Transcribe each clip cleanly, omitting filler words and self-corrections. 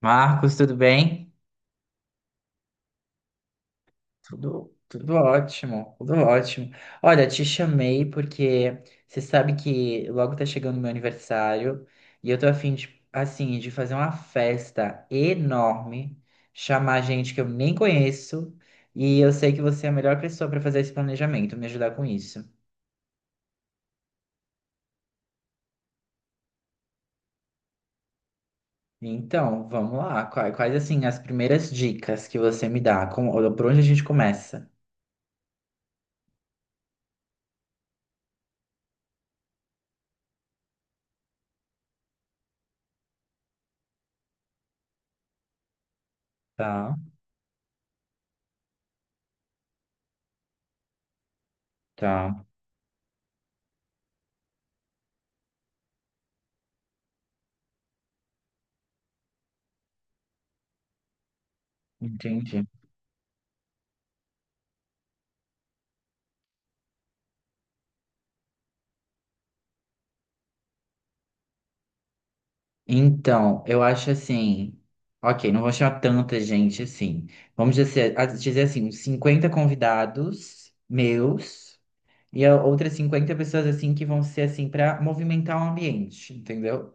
Marcos, tudo bem? Tudo ótimo, tudo ótimo. Olha, te chamei porque você sabe que logo tá chegando o meu aniversário e eu tô a fim de, assim, de fazer uma festa enorme, chamar gente que eu nem conheço e eu sei que você é a melhor pessoa para fazer esse planejamento, me ajudar com isso. Então, vamos lá. Quais assim, as primeiras dicas que você me dá? Como, por onde a gente começa? Tá, tá, entendi. Então, eu acho assim. Ok, não vou chamar tanta gente assim. Vamos dizer, dizer assim, uns 50 convidados meus e outras 50 pessoas assim que vão ser assim para movimentar o ambiente, entendeu?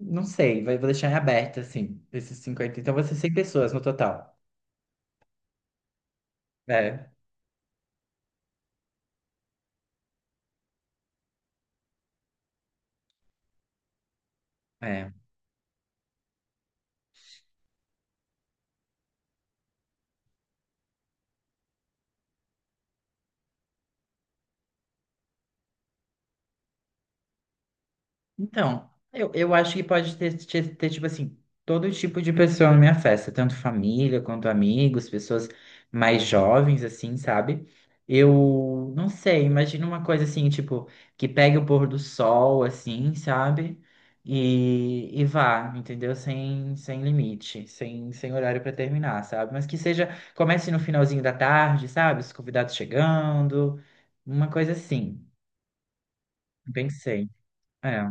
Não sei, vou deixar em aberto assim, esses 50. Então, vão ser 100 pessoas no total. É, é. Então, eu acho que pode ter, tipo assim, todo tipo de pessoa na minha festa, tanto família quanto amigos, pessoas mais jovens, assim, sabe? Eu não sei, imagino uma coisa assim, tipo, que pegue o pôr do sol, assim, sabe? E vá, entendeu? Sem limite, sem horário pra terminar, sabe? Mas que seja, comece no finalzinho da tarde, sabe? Os convidados chegando, uma coisa assim, pensei. É.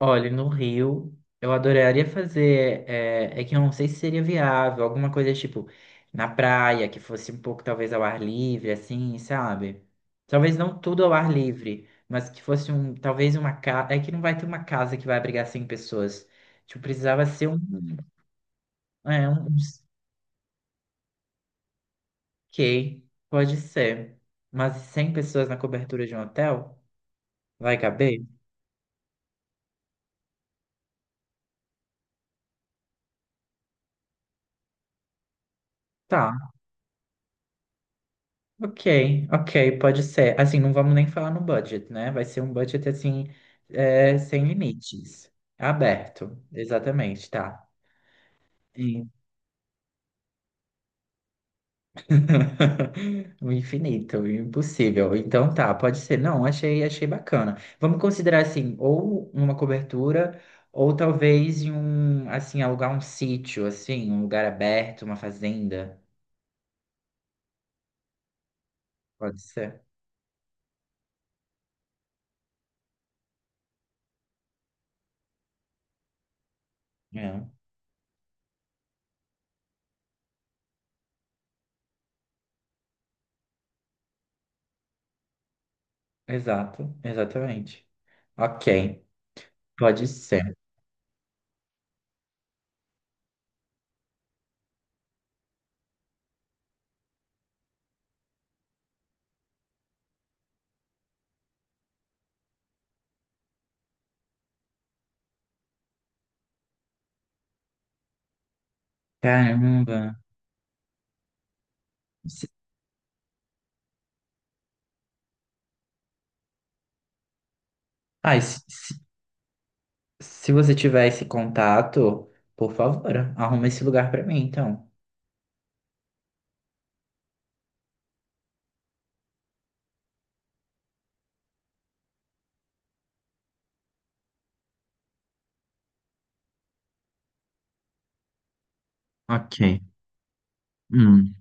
Olha, no Rio, eu adoraria fazer. É, é que eu não sei se seria viável, alguma coisa tipo na praia, que fosse um pouco talvez ao ar livre, assim, sabe? Talvez não tudo ao ar livre, mas que fosse um. Talvez uma casa. É que não vai ter uma casa que vai abrigar 100 pessoas. Tipo, precisava ser um. É, um. Ok, pode ser. Mas 100 pessoas na cobertura de um hotel? Vai caber? Tá? Ok, ok, pode ser. Assim, não vamos nem falar no budget, né? Vai ser um budget assim, é, sem limites. Aberto, exatamente, tá. Sim. O infinito, o impossível. Então tá, pode ser. Não, achei, achei bacana. Vamos considerar assim, ou uma cobertura, ou talvez em um, assim, alugar um sítio, assim, um lugar aberto, uma fazenda. Pode ser. É, exato, exatamente. Ok, pode ser. Caramba. Se, ai, se você tiver esse contato, por favor, arruma esse lugar pra mim, então. Ok. Hum.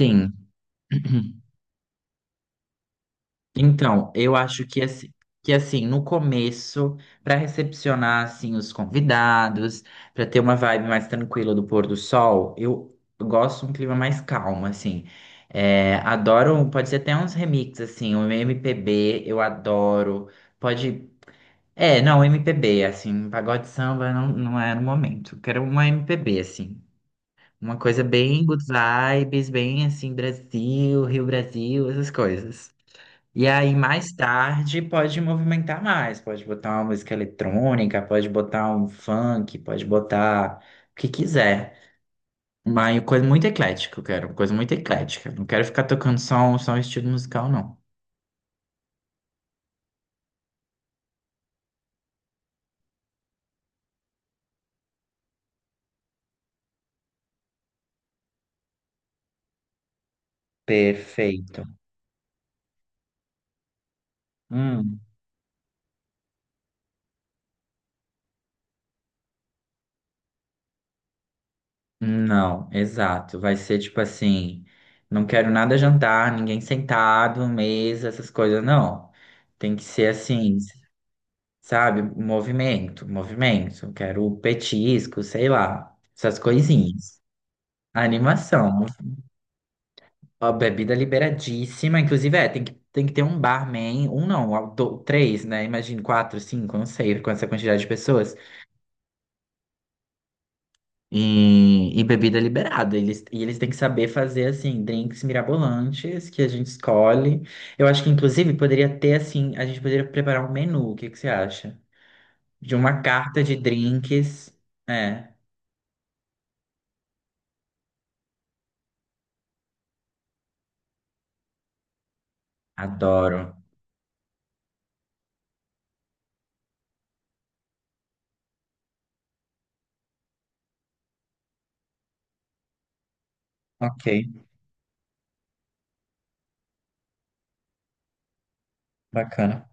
Sim. Então, eu acho que assim, no começo, para recepcionar assim os convidados, para ter uma vibe mais tranquila do pôr do sol, eu gosto de um clima mais calmo, assim. É, adoro, pode ser até uns remixes assim, um MPB, eu adoro. Pode. É, não, MPB, assim, pagode samba não, não é no momento. Quero uma MPB, assim. Uma coisa bem good vibes, bem assim, Brasil, Rio Brasil, essas coisas. E aí, mais tarde, pode movimentar mais, pode botar uma música eletrônica, pode botar um funk, pode botar o que quiser. Mas coisa muito eclética, eu quero, uma coisa muito eclética. Não quero ficar tocando só um estilo musical, não. Perfeito. Não, exato. Vai ser tipo assim, não quero nada jantar, ninguém sentado, mesa, essas coisas, não. Tem que ser assim, sabe? Movimento, movimento. Quero petisco, sei lá, essas coisinhas. Animação, a bebida liberadíssima, inclusive é, tem que ter um barman, um não, três, né? Imagina, quatro, cinco, não sei, com essa quantidade de pessoas. E bebida liberada. Eles, e eles têm que saber fazer, assim, drinks mirabolantes que a gente escolhe. Eu acho que, inclusive, poderia ter, assim, a gente poderia preparar um menu. O que que você acha? De uma carta de drinks. É, adoro. Ok, bacana.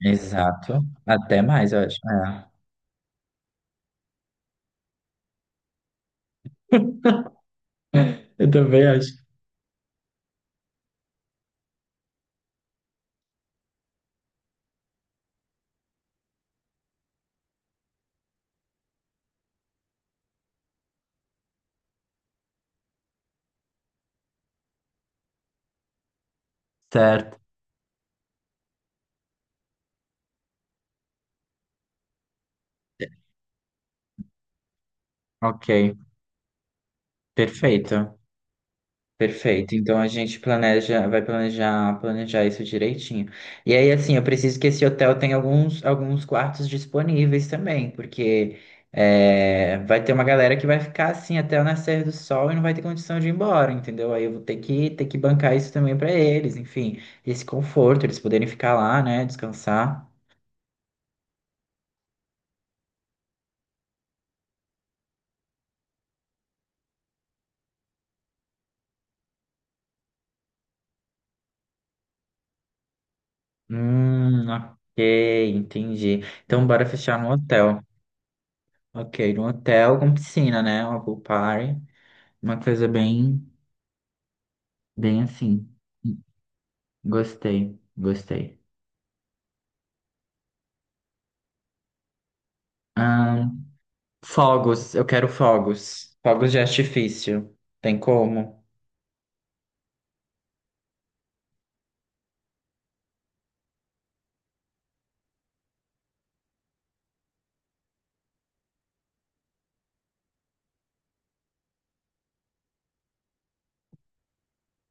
Exato. Até mais, eu acho. É. Eu também acho. Certo. Ok, perfeito. Perfeito. Então a gente planeja, vai planejar, planejar isso direitinho. E aí, assim, eu preciso que esse hotel tenha alguns quartos disponíveis também, porque é, vai ter uma galera que vai ficar assim até o nascer do sol e não vai ter condição de ir embora, entendeu? Aí eu vou ter que bancar isso também para eles, enfim, esse conforto, eles poderem ficar lá, né, descansar. Ok, entendi. Então bora fechar no hotel. Ok, no hotel com piscina, né? Uma pool party, uma coisa bem. Bem assim. Gostei, gostei. Ahn, fogos, eu quero fogos. Fogos de artifício. Tem como?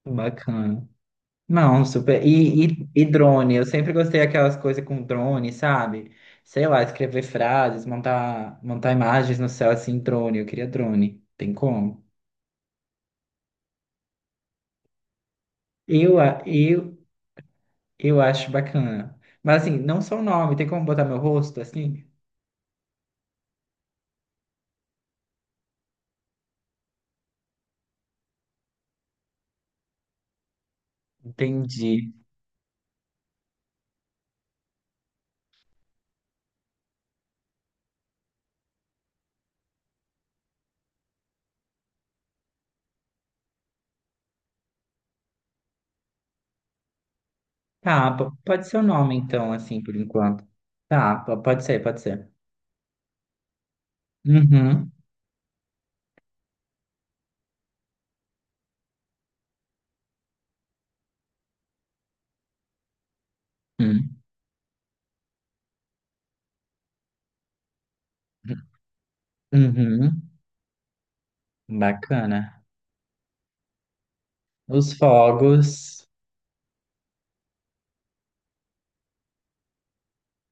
Bacana. Não, super. E drone, eu sempre gostei daquelas coisas com drone, sabe? Sei lá, escrever frases, montar, montar imagens no céu assim, drone. Eu queria drone. Tem como? Eu, a- eu, eu acho bacana. Mas assim, não só o nome, tem como botar meu rosto assim? Entendi. Tá, pode ser o nome então, assim, por enquanto. Tá, pode ser, pode ser. Uhum, hum, uhum. Bacana. Os fogos.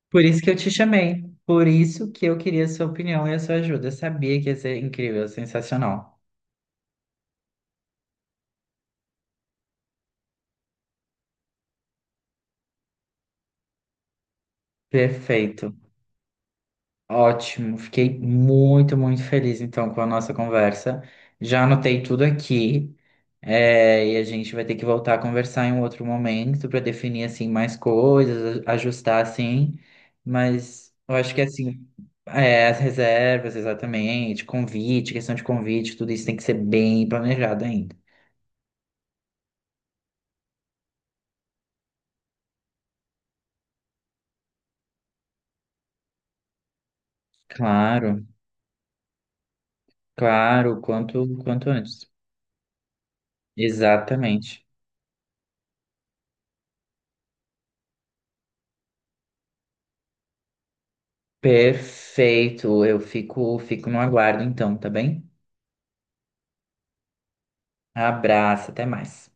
Por isso que eu te chamei. Por isso que eu queria a sua opinião e a sua ajuda. Eu sabia que ia ser incrível, sensacional. Perfeito. Ótimo, fiquei muito, muito feliz então com a nossa conversa. Já anotei tudo aqui, é, e a gente vai ter que voltar a conversar em um outro momento para definir assim mais coisas, ajustar assim. Mas eu acho que assim, é, as reservas, exatamente, convite, questão de convite, tudo isso tem que ser bem planejado ainda. Claro, claro, quanto antes. Exatamente. Perfeito. Eu fico no aguardo então, tá bem? Abraço, até mais.